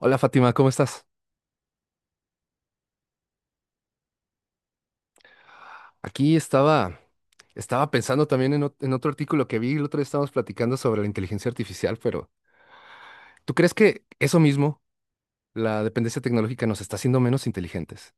Hola Fátima, ¿cómo estás? Aquí estaba pensando también en otro artículo que vi, el otro día estábamos platicando sobre la inteligencia artificial, pero ¿tú crees que eso mismo, la dependencia tecnológica, nos está haciendo menos inteligentes?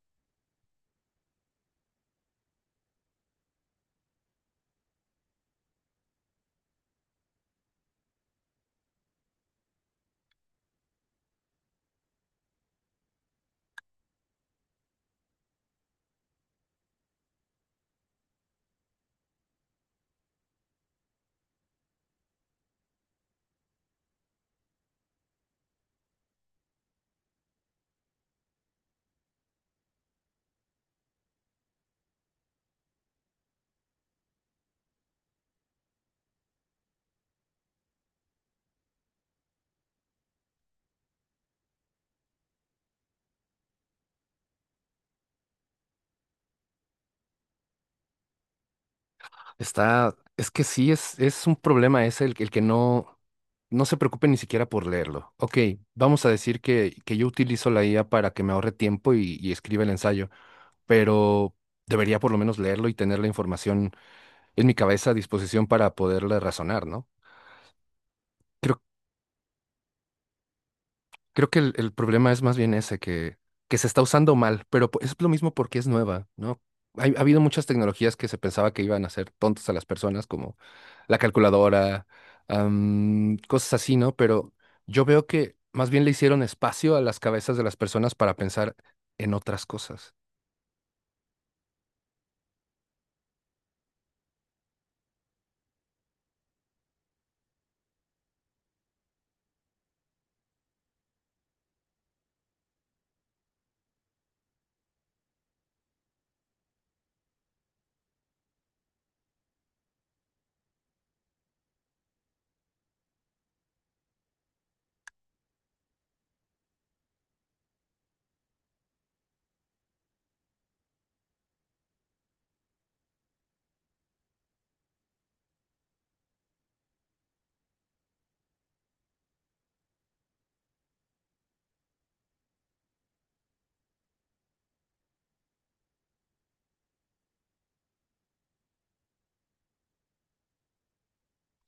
Es que sí, es un problema ese el que no se preocupe ni siquiera por leerlo. Ok, vamos a decir que yo utilizo la IA para que me ahorre tiempo y escriba el ensayo, pero debería por lo menos leerlo y tener la información en mi cabeza a disposición para poderla razonar, ¿no? Creo Creo que el problema es más bien ese, que se está usando mal, pero es lo mismo porque es nueva, ¿no? Ha habido muchas tecnologías que se pensaba que iban a hacer tontas a las personas, como la calculadora, cosas así, ¿no? Pero yo veo que más bien le hicieron espacio a las cabezas de las personas para pensar en otras cosas.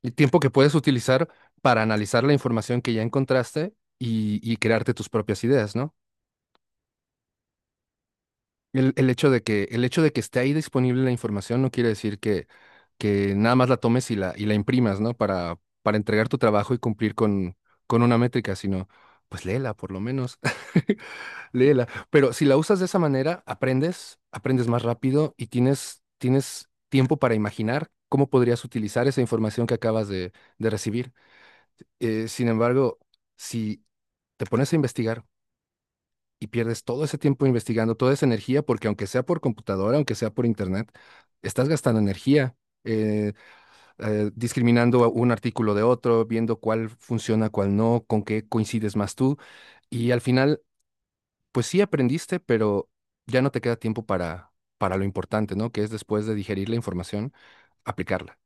Y tiempo que puedes utilizar para analizar la información que ya encontraste y crearte tus propias ideas, ¿no? El hecho de que, el hecho de que esté ahí disponible la información no quiere decir que nada más la tomes y la imprimas, ¿no? Para entregar tu trabajo y cumplir con una métrica, sino, pues léela por lo menos, léela. Pero si la usas de esa manera, aprendes más rápido y tienes tiempo para imaginar cómo podrías utilizar esa información que acabas de recibir. Sin embargo, si te pones a investigar, y pierdes todo ese tiempo investigando, toda esa energía, porque aunque sea por computadora, aunque sea por internet, estás gastando energía, eh, discriminando a un artículo de otro, viendo cuál funciona, cuál no, con qué coincides más tú. Y al final, pues sí aprendiste, pero ya no te queda tiempo para lo importante, ¿no? Que es después de digerir la información, aplicarla.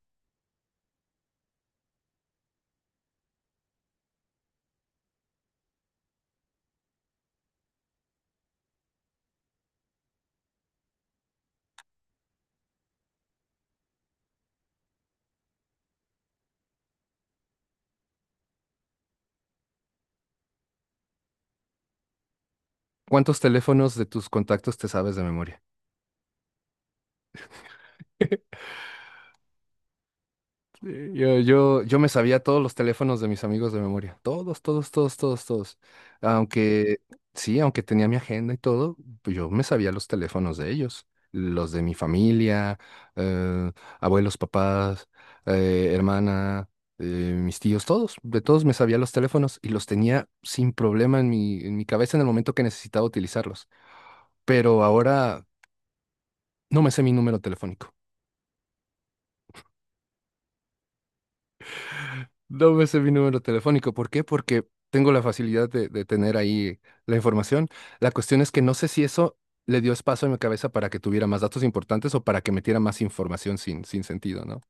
¿Cuántos teléfonos de tus contactos te sabes de memoria? Sí, yo me sabía todos los teléfonos de mis amigos de memoria. Todos, todos, todos, todos, todos. Aunque, sí, aunque tenía mi agenda y todo, pues yo me sabía los teléfonos de ellos. Los de mi familia, eh, abuelos, papás, hermana, eh, mis tíos, todos. De todos me sabía los teléfonos y los tenía sin problema en mi cabeza en el momento que necesitaba utilizarlos. Pero ahora no me sé mi número telefónico. No me sé mi número telefónico. ¿Por qué? Porque tengo la facilidad de tener ahí la información. La cuestión es que no sé si eso le dio espacio a mi cabeza para que tuviera más datos importantes o para que metiera más información sin sentido, ¿no?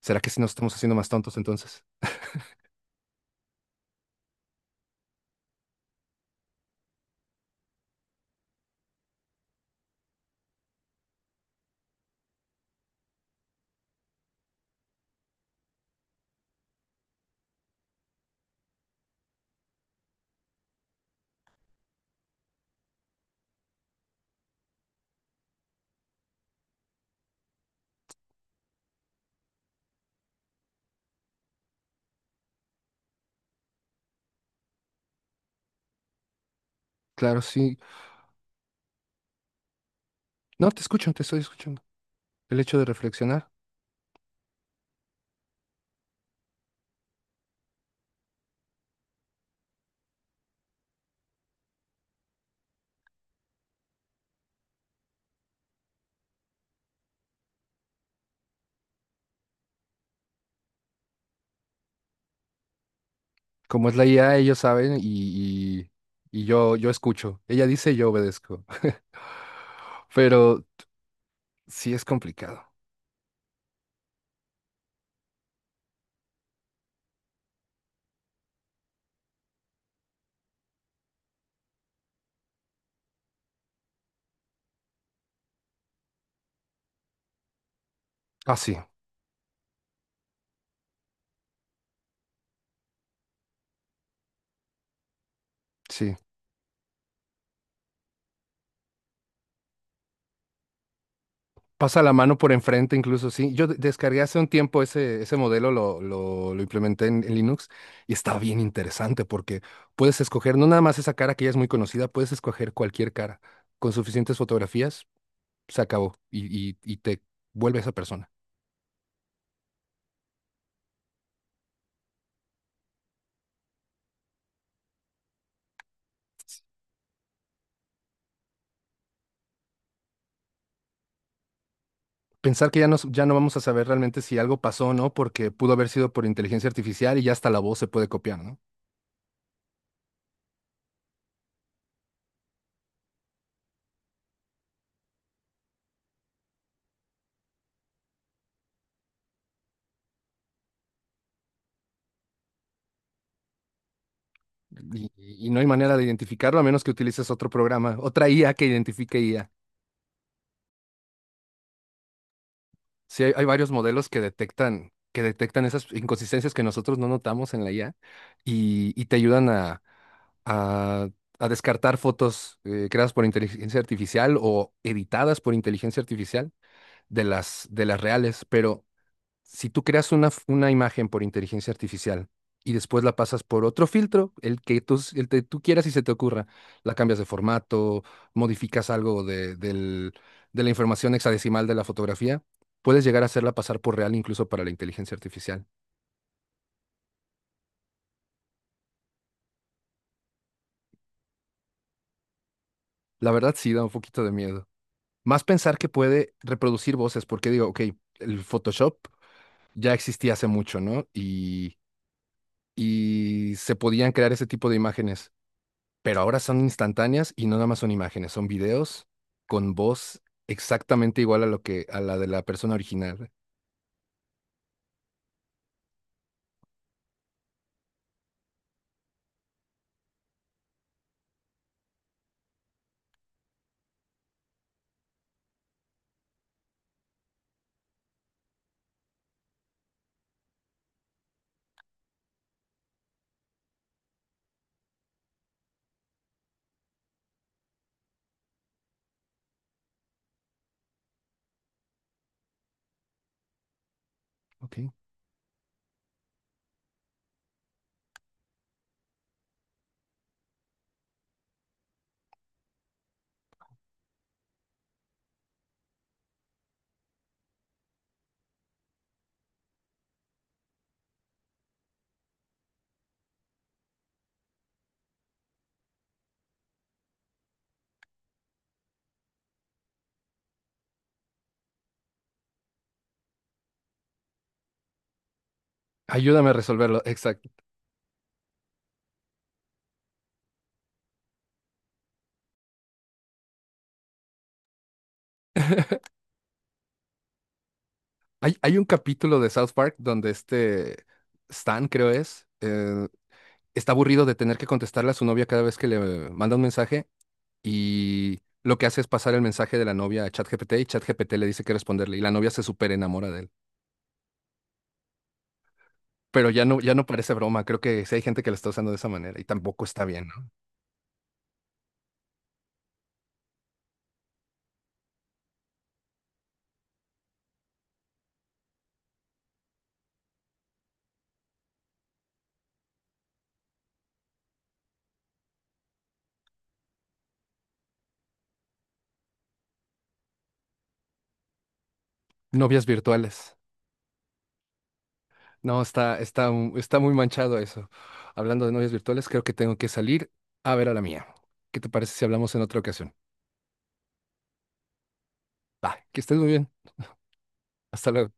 ¿Será que si nos estamos haciendo más tontos entonces? Claro, sí. No, te escucho, te estoy escuchando. El hecho de reflexionar. Como es la IA, ellos saben y yo escucho. Ella dice, yo obedezco. Pero sí es complicado. Ah, sí, sí. Pasa la mano por enfrente, incluso, sí. Yo descargué hace un tiempo ese modelo, lo implementé en Linux y está bien interesante porque puedes escoger no nada más esa cara que ya es muy conocida, puedes escoger cualquier cara. Con suficientes fotografías, se acabó y te vuelve esa persona. Pensar que ya no vamos a saber realmente si algo pasó o no, porque pudo haber sido por inteligencia artificial y ya hasta la voz se puede copiar, ¿no? Y no hay manera de identificarlo a menos que utilices otro programa, otra IA que identifique IA. Sí, hay varios modelos que detectan esas inconsistencias que nosotros no notamos en la IA y te ayudan a, a descartar fotos creadas por inteligencia artificial o editadas por inteligencia artificial de las reales. Pero si tú creas una imagen por inteligencia artificial y después la pasas por otro filtro, el que tú quieras y se te ocurra, la cambias de formato, modificas algo de la información hexadecimal de la fotografía, puedes llegar a hacerla pasar por real incluso para la inteligencia artificial. La verdad sí da un poquito de miedo. Más pensar que puede reproducir voces, porque digo, ok, el Photoshop ya existía hace mucho, ¿no? Y se podían crear ese tipo de imágenes pero ahora son instantáneas y no nada más son imágenes, son videos con voz exactamente igual a lo que a la de la persona original. Ok. Ayúdame a resolverlo, exacto. Hay un capítulo de South Park donde este Stan, creo es, está aburrido de tener que contestarle a su novia cada vez que le manda un mensaje y lo que hace es pasar el mensaje de la novia a ChatGPT y ChatGPT le dice que responderle y la novia se súper enamora de él. Pero ya no parece broma, creo que sí hay gente que lo está usando de esa manera y tampoco está bien, ¿no? Novias virtuales. No, está muy manchado eso. Hablando de novias virtuales, creo que tengo que salir a ver a la mía. ¿Qué te parece si hablamos en otra ocasión? Va, que estés muy bien. Hasta luego.